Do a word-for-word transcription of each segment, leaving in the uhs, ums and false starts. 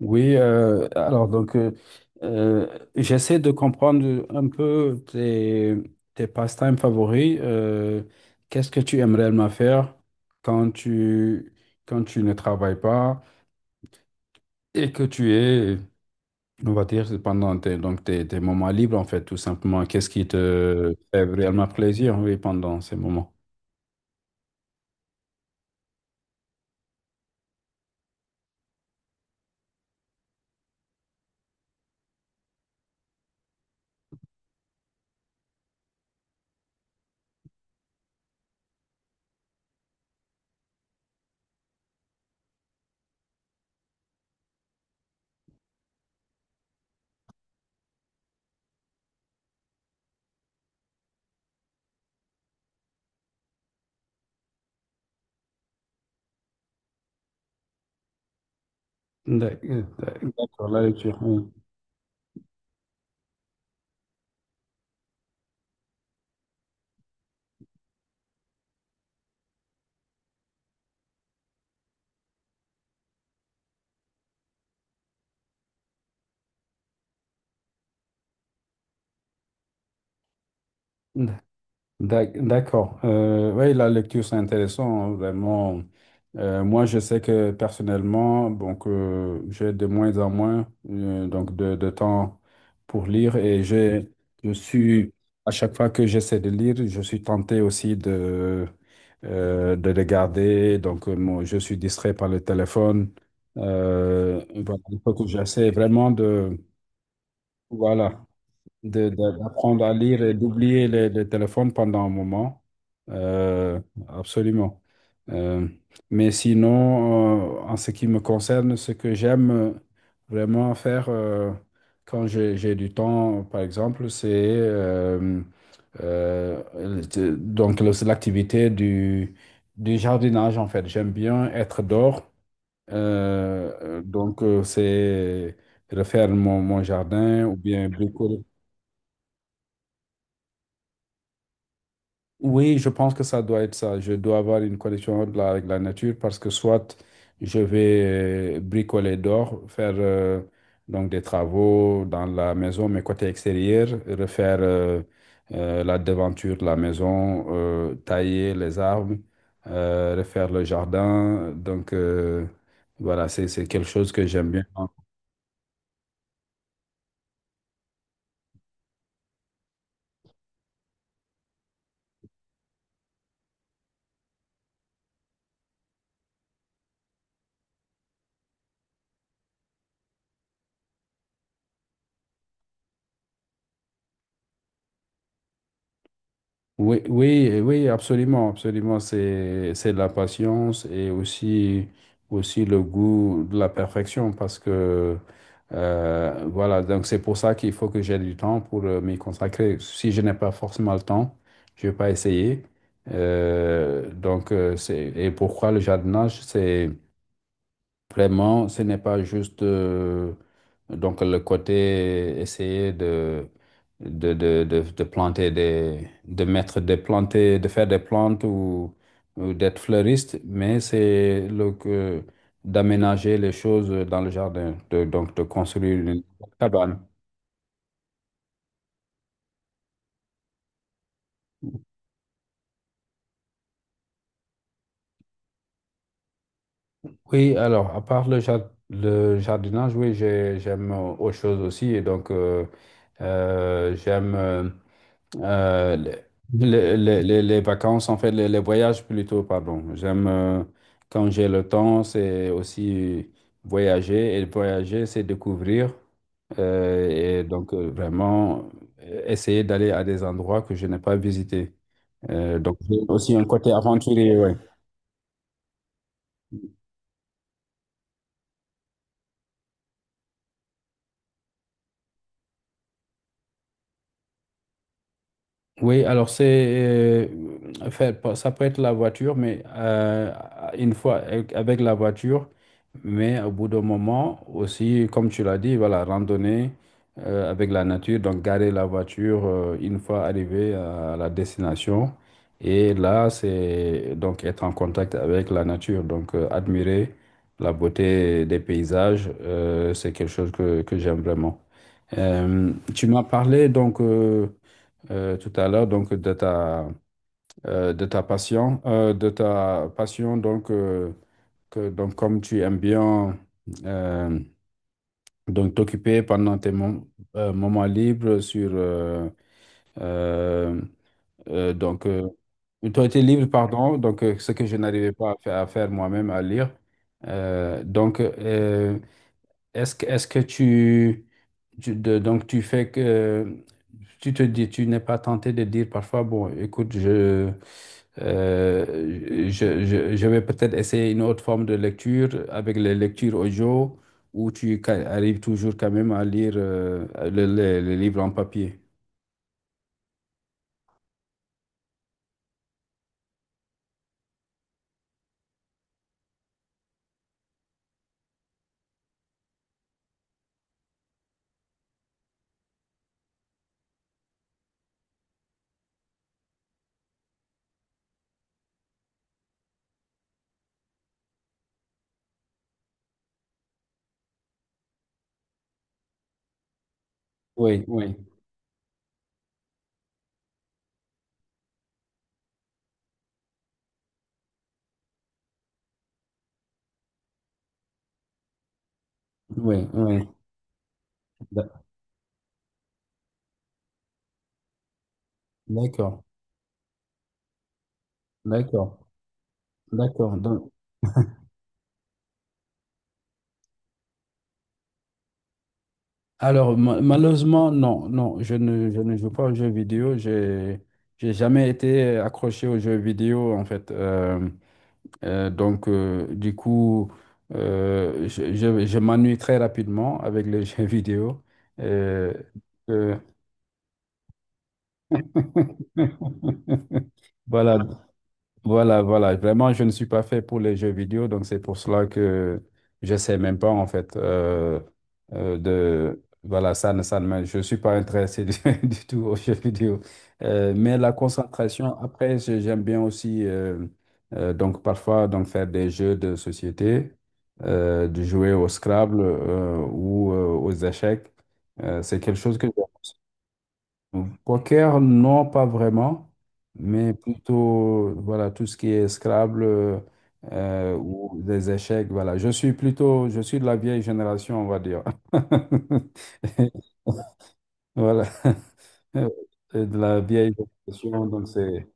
Oui, euh, alors donc euh, euh, j'essaie de comprendre un peu tes, tes pastimes favoris. Euh, qu'est-ce que tu aimes réellement faire quand tu, quand tu ne travailles pas et que tu es, on va dire, pendant tes, donc tes, tes moments libres en fait, tout simplement. Qu'est-ce qui te fait réellement plaisir, oui, pendant ces moments? D'ac- D'accord, la lecture, oui. D'ac- D'accord. Euh, oui, la lecture, c'est intéressant, hein, vraiment. Euh, moi, je sais que personnellement, donc, euh, j'ai de moins en moins euh, donc de, de temps pour lire et j'ai, je suis, à chaque fois que j'essaie de lire, je suis tenté aussi de, euh, de regarder. Donc, euh, moi, je suis distrait par le téléphone. Euh, voilà, il faut que j'essaie vraiment de, voilà, de, de- d'apprendre à lire et d'oublier les, les téléphones pendant un moment. Euh, absolument. Euh, mais sinon, euh, en ce qui me concerne, ce que j'aime euh, vraiment faire euh, quand j'ai, j'ai du temps, par exemple, c'est euh, euh, le- donc le- l'activité du, du jardinage, en fait. J'aime bien être dehors. Euh, donc, euh, c'est refaire mon, mon jardin ou bien bricoler. Oui, je pense que ça doit être ça. Je dois avoir une connexion de la- avec la nature parce que soit je vais euh, bricoler dehors, faire euh, donc des travaux dans la maison, mais côté extérieur, refaire euh, euh, la devanture de la maison, euh, tailler les arbres, euh, refaire le jardin. Donc euh, voilà, c'est c'est quelque chose que j'aime bien. Oui, oui, euh, oui, absolument, absolument. C'est, c'est de la patience et aussi, aussi le goût de la perfection parce que, euh, voilà, donc c'est pour ça qu'il faut que j'ai du temps pour euh, m'y consacrer. Si je n'ai pas forcément le temps, je vais pas essayer. Euh, donc, euh, c'est, et pourquoi le jardinage, c'est, vraiment, ce n'est pas juste euh, donc le côté essayer de, de, de, de, de planter des, de mettre des planter, de faire des plantes ou, ou d'être fleuriste, mais c'est le que d'aménager les choses dans le jardin, de, donc de construire une cabane. Oui, alors, à part le, jar- le jardinage, oui, j'ai- j'aime euh, autre chose aussi. Et donc, euh, euh, j'aime. Euh, Euh, les, les- les- les vacances, en fait, les, les voyages plutôt, pardon. J'aime, euh, quand j'ai le temps, c'est aussi voyager. Et voyager, c'est découvrir. Euh, et donc, euh, vraiment, euh, essayer d'aller à des endroits que je n'ai pas visités. Euh, donc, j'ai aussi un côté aventurier, ouais. Oui, alors c'est, euh, enfin, pas- ça peut être la voiture, mais euh, une fois avec avec la voiture, mais au bout d'un moment aussi, comme tu l'as dit, voilà, randonnée euh, avec la nature, donc garer la voiture euh, une fois arrivé à la destination, et là c'est donc être en contact avec la nature, donc euh, admirer la beauté des paysages, euh, c'est quelque chose que, que j'aime vraiment. Euh, tu m'as parlé donc. euh, euh, tout à l'heure, donc de ta, euh, de ta passion, euh, de ta passion, donc, euh, que, donc comme tu aimes bien euh, donc t'occuper pendant tes mom- euh, moments libres sur euh, euh, euh, donc euh, ton été libre, pardon, donc euh, ce que je n'arrivais pas à faire, à faire moi-même, à lire. Euh, donc, euh, est-ce que, Est-ce que tu, tu- de- donc tu fais que tu te dis, tu n'es pas tenté de dire parfois, bon, écoute, je, euh, je, je, je vais peut-être essayer une autre forme de lecture avec les lectures audio, où tu ca- arrives toujours quand même à lire euh, le, le- le livre en papier. Oui, oui, oui, oui. D'ac- D'accord, d'accord, d'accord. Donc, alors, ma- malheureusement, non, non, je ne, je ne joue pas aux jeux vidéo. J'ai, j'ai jamais été accroché aux jeux vidéo, en fait. Euh, euh, donc, euh, du coup, euh, je, je, je m'ennuie très rapidement avec les jeux vidéo. Euh, euh, voilà, Voilà, voilà. Vraiment, je ne suis pas fait pour les jeux vidéo, donc c'est pour cela que je sais même pas en fait euh, euh, de voilà ça ne ça ne me- je suis pas intéressé du, du tout aux jeux vidéo. Euh, mais la concentration après je- j'aime bien aussi euh, euh, donc parfois donc faire des jeux de société, euh, de jouer au Scrabble euh, ou euh, aux échecs. Euh, c'est quelque chose que j'aime. Mm. Poker, non, pas vraiment, mais plutôt, voilà, tout ce qui est Scrabble euh, euh, ou des échecs, voilà. Je suis plutôt, je suis de la vieille génération, on va dire. Voilà, et de la vieille génération, donc c'est...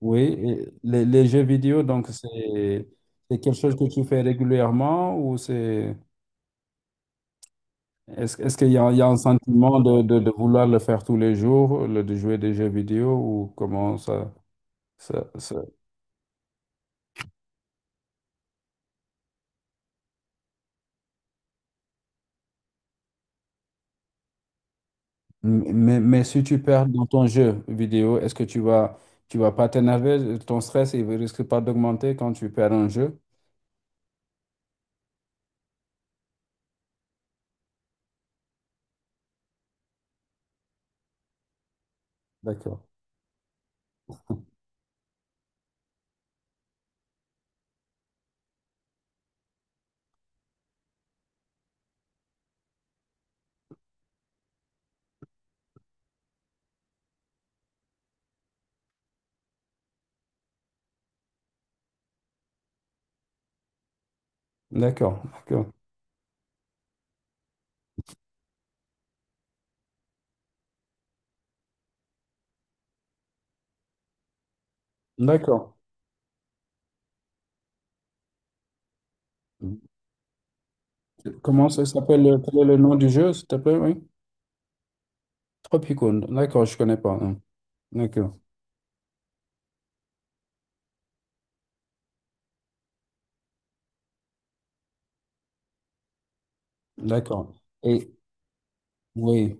Oui, et les, les jeux vidéo, donc c'est c'est quelque chose que tu fais régulièrement ou c'est... Est-ce, est-ce qu'il y a, il y a un sentiment de, de, de vouloir le faire tous les jours, le, de jouer des jeux vidéo ou comment ça? Ça- ça- Mais, mais si tu perds dans ton jeu vidéo, est-ce que tu vas, tu vas pas t'énerver? Ton stress, il risque pas d'augmenter quand tu perds un jeu? D'accord. D'accord, d'accord, d'accord. Comment ça s'appelle? euh, Quel est le nom du jeu, s'il te plaît? Oui. Tropicone, d'accord, je connais pas. Non. D'accord, d'accord. Et oui,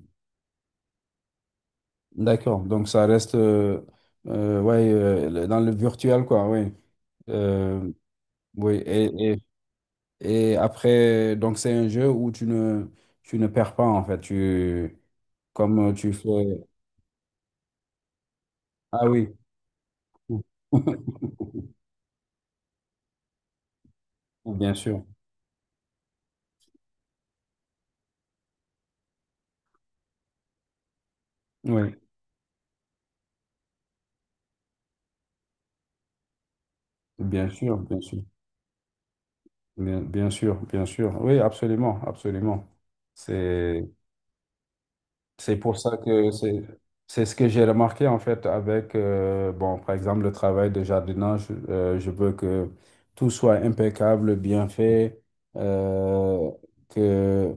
d'accord. Donc ça reste euh, euh, ouais, euh, le- dans le virtuel, quoi, oui. Euh, oui, et, Et après, donc c'est un jeu où tu ne, tu ne perds pas en fait. Tu, comme tu fais... Ah oui, bien sûr. Oui, bien sûr, bien sûr. Bien, bien sûr, bien sûr. Oui, absolument, absolument. C'est, c'est pour ça que c'est, c'est ce que j'ai remarqué en fait avec, euh, bon, par exemple, le travail de jardinage. Euh, je veux que tout soit impeccable, bien fait, euh, que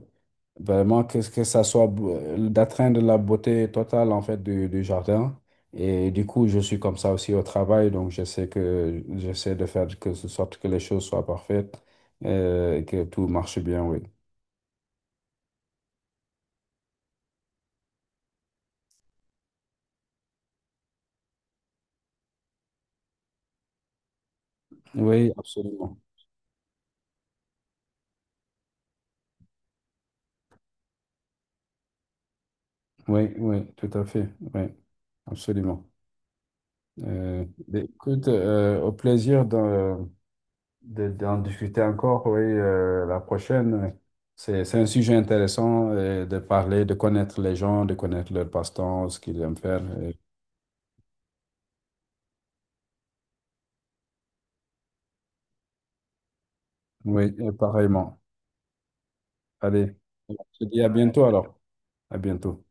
Vraiment, que, que ça soit beau- d'atteindre la beauté totale en fait du, du jardin. Et du coup, je suis comme ça aussi au travail, donc je sais que j'essaie de faire que ce sorte que les choses soient parfaites euh, et que tout marche bien, oui. Oui, absolument. Oui, oui, tout à fait. Oui, absolument. Euh, mais écoute, euh, au plaisir de, de, d'en discuter encore, oui, euh, la prochaine. C'est, c'est un sujet intéressant euh, de parler, de connaître les gens, de connaître leur passe-temps, ce qu'ils aiment faire. Et oui, et pareillement. Allez, je te dis à bientôt alors. À bientôt.